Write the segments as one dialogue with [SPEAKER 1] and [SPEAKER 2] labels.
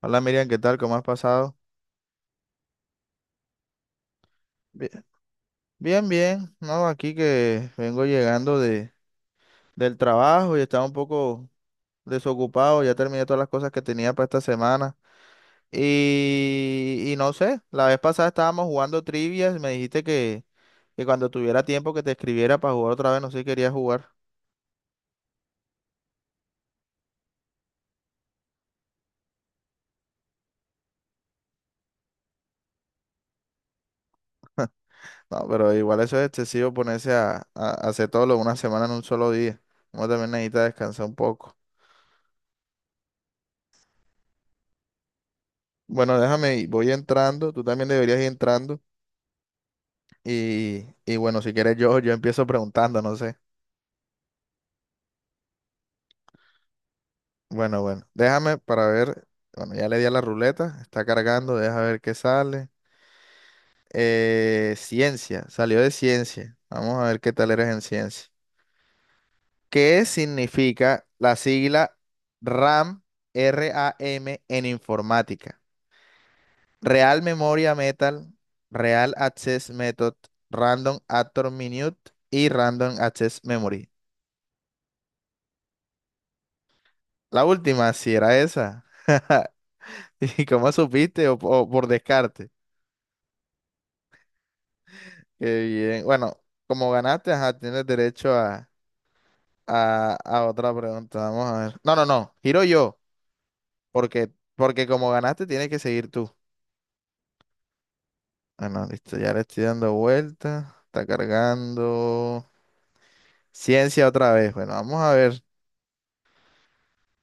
[SPEAKER 1] Hola Miriam, ¿qué tal? ¿Cómo has pasado? Bien, bien, bien. No, aquí que vengo llegando del trabajo y estaba un poco desocupado. Ya terminé todas las cosas que tenía para esta semana. Y no sé, la vez pasada estábamos jugando trivias. Me dijiste que cuando tuviera tiempo que te escribiera para jugar otra vez. No sé si querías jugar. No, pero igual eso es excesivo ponerse a hacer todo lo de una semana en un solo día. Uno también necesita descansar un poco. Bueno, voy entrando. Tú también deberías ir entrando. Y bueno, si quieres yo empiezo preguntando, no sé. Bueno, bueno, déjame para ver. Bueno, ya le di a la ruleta, está cargando, deja ver qué sale. Ciencia, salió de ciencia. Vamos a ver qué tal eres en ciencia. ¿Qué significa la sigla RAM, RAM en informática? Real Memoria Metal, Real Access Method, Random Actor Minute y Random Access Memory. La última, si era esa. ¿Y cómo supiste? O por descarte. Qué bien. Bueno, como ganaste, ajá, tienes derecho a otra pregunta. Vamos a ver. No, no, no. Giro yo. Porque, porque como ganaste, tienes que seguir tú. Bueno, listo. Ya le estoy dando vuelta. Está cargando. Ciencia otra vez. Bueno, vamos a ver.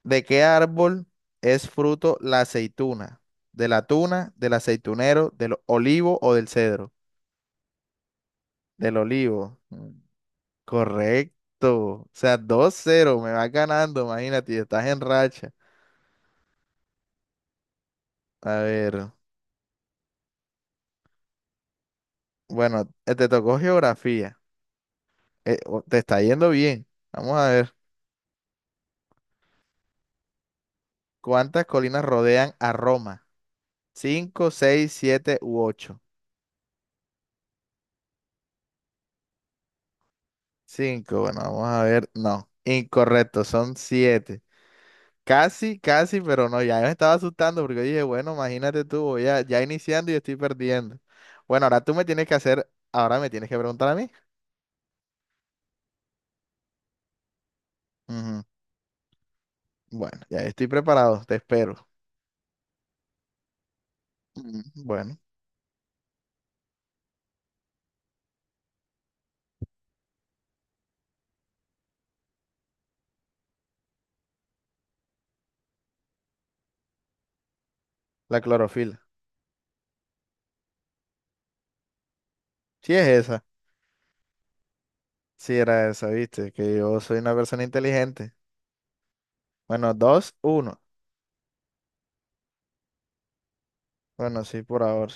[SPEAKER 1] ¿De qué árbol es fruto la aceituna? ¿De la tuna, del aceitunero, del olivo o del cedro? Del olivo. Mm. Correcto. O sea, 2-0 me vas ganando, imagínate, y estás en racha. A ver, bueno, te tocó geografía. Te está yendo bien. Vamos a ver. ¿Cuántas colinas rodean a Roma? Cinco, seis, siete u ocho. Cinco, bueno, vamos a ver. No, incorrecto, son siete. Casi, casi, pero no, ya me estaba asustando porque dije, bueno, imagínate tú, ya iniciando y estoy perdiendo. Bueno, ahora tú me tienes que hacer, ahora me tienes que preguntar a mí. Ujú. Bueno, ya estoy preparado, te espero. Mm, bueno, la clorofila. Sí es esa. Sí era esa, viste, que yo soy una persona inteligente. Bueno, 2-1. Bueno, sí, por ahora.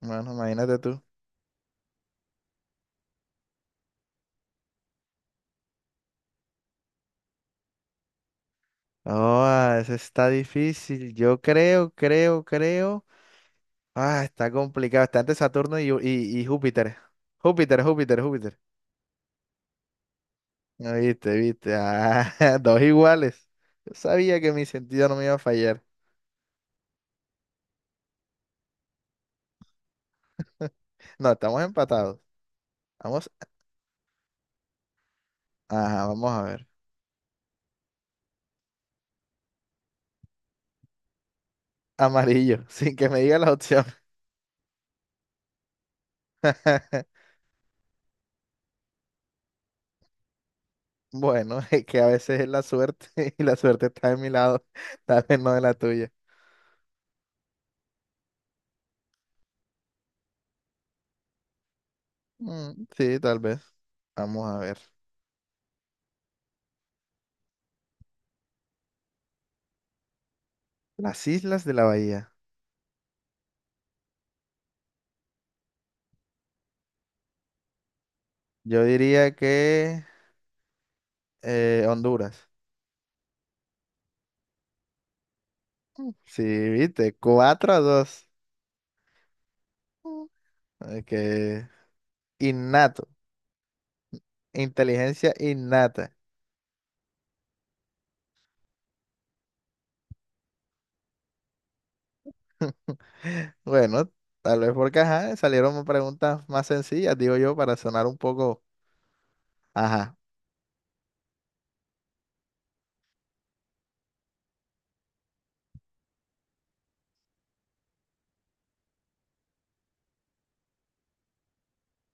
[SPEAKER 1] Bueno, imagínate tú. Oh, ese está difícil. Yo creo, creo, creo. Ah, está complicado. Está entre Saturno y Júpiter. Júpiter, Júpiter, Júpiter. Ah, viste, viste. Ah, dos iguales. Yo sabía que mi sentido no me iba a fallar. No, estamos empatados. Vamos, ajá, vamos a ver. Amarillo, sin que me diga la opción. Bueno, es que a veces es la suerte y la suerte está de mi lado, tal vez no de la tuya. Mm, sí, tal vez. Vamos a ver. Las islas de la bahía. Yo diría que Honduras. Mm, sí, viste, cuatro a 2. Que innato, inteligencia innata. Bueno, tal vez porque ajá, salieron preguntas más sencillas, digo yo, para sonar un poco, ajá.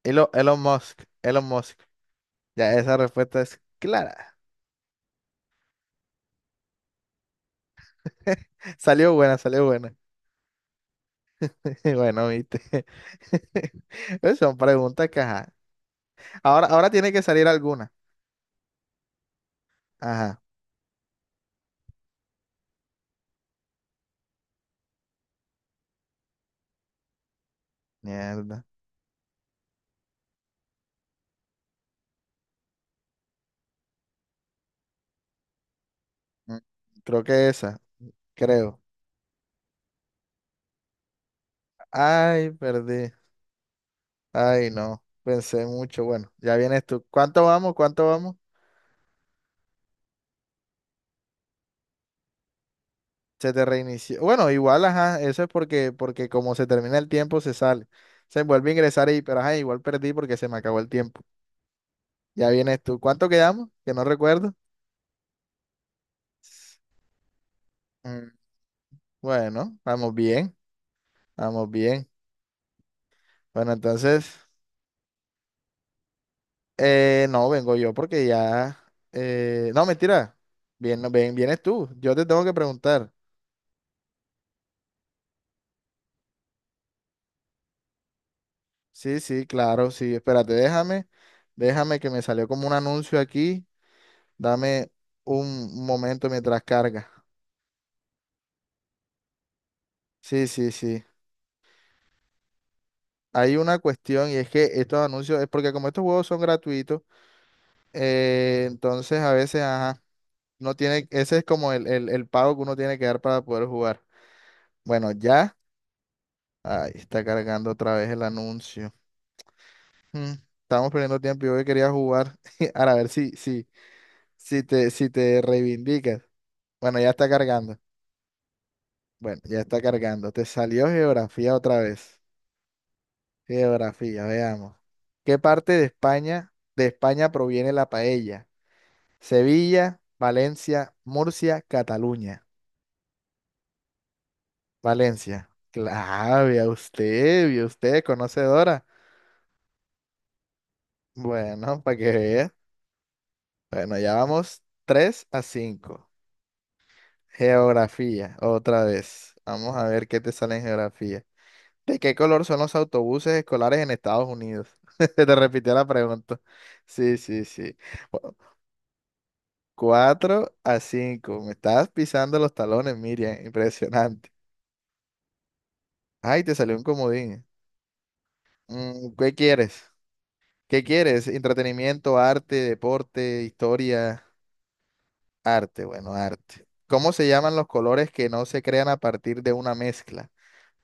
[SPEAKER 1] Elon Musk, Elon Musk. Ya, esa respuesta es clara. Salió buena, salió buena. Bueno, viste. Pues son preguntas que, ajá. Ahora tiene que salir alguna. Ajá. Mierda. Mm, Creo que esa, creo. Ay, perdí. Ay, no. Pensé mucho. Bueno, ya vienes tú. ¿Cuánto vamos? ¿Cuánto vamos? Se te reinició. Bueno, igual, ajá. Eso es porque como se termina el tiempo, se sale. Se vuelve a ingresar ahí, pero ajá, igual perdí porque se me acabó el tiempo. Ya vienes tú. ¿Cuánto quedamos? Que no recuerdo. Mm, bueno, vamos bien, vamos bien. Bueno, entonces, no, vengo yo porque ya... No, mentira. Bien, no, vienes tú. Yo te tengo que preguntar. Sí, sí, claro, sí. Espérate, déjame que me salió como un anuncio aquí. Dame un momento mientras carga. Sí, sí, sí. Hay una cuestión y es que estos anuncios, es porque como estos juegos son gratuitos, entonces a veces, ajá. No tiene, ese es como el pago que uno tiene que dar para poder jugar. Bueno, ya. Ahí está cargando otra vez el anuncio. Mm, Estamos perdiendo tiempo. Yo que quería jugar. Ahora, a ver si te reivindicas. Bueno, ya está cargando. Bueno, ya está cargando. Te salió geografía otra vez. Geografía, veamos. ¿Qué parte de España proviene la paella? Sevilla, Valencia, Murcia, Cataluña. Valencia. Claro, vea usted, conocedora. Bueno, para que vea. Bueno, ya vamos 3-5. Geografía, otra vez. Vamos a ver qué te sale en geografía. ¿De qué color son los autobuses escolares en Estados Unidos? Te repitió la pregunta. Sí, sí, sí. Cu- 4-5. Me estás pisando los talones, Miriam. Impresionante. Ay, te salió un comodín. ¿Qué quieres? ¿Qué quieres? Entretenimiento, arte, deporte, historia, arte, bueno, arte. ¿Cómo se llaman los colores que no se crean a partir de una mezcla?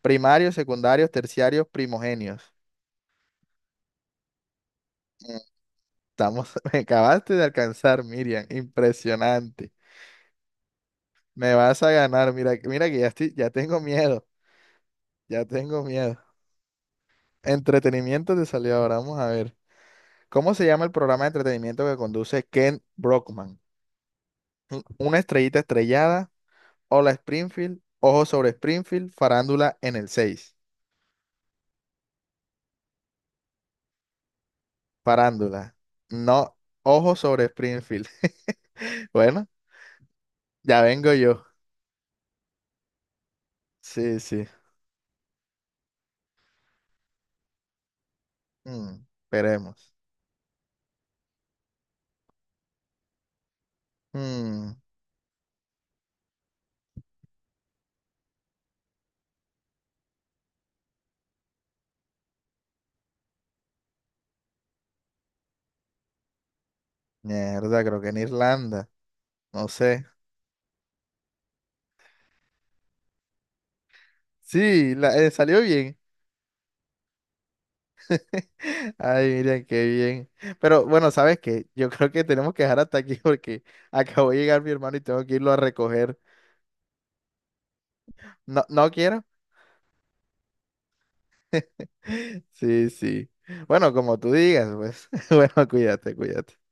[SPEAKER 1] Primarios, secundarios, terciarios, primogenios. Mm, Estamos, me acabaste de alcanzar, Miriam. Impresionante. Me vas a ganar. Mira, mira que ya tengo miedo. Ya tengo miedo. Entretenimiento te salió ahora. Vamos a ver. ¿Cómo se llama el programa de entretenimiento que conduce Ken Brockman? ¿Una estrellita estrellada? Hola Springfield, Ojo sobre Springfield, Farándula en el seis. Farándula. No, Ojo sobre Springfield. Bueno, ya vengo yo. Sí, sí. Esperemos. Mm, Mierda, creo que en Irlanda. No sé. Sí, salió bien. Ay, miren, qué bien. Pero bueno, ¿sabes qué? Yo creo que tenemos que dejar hasta aquí porque acabo de llegar mi hermano y tengo que irlo a recoger. No, no quiero. Sí, sí. Bueno, como tú digas, pues. Bueno, cuídate, cuídate.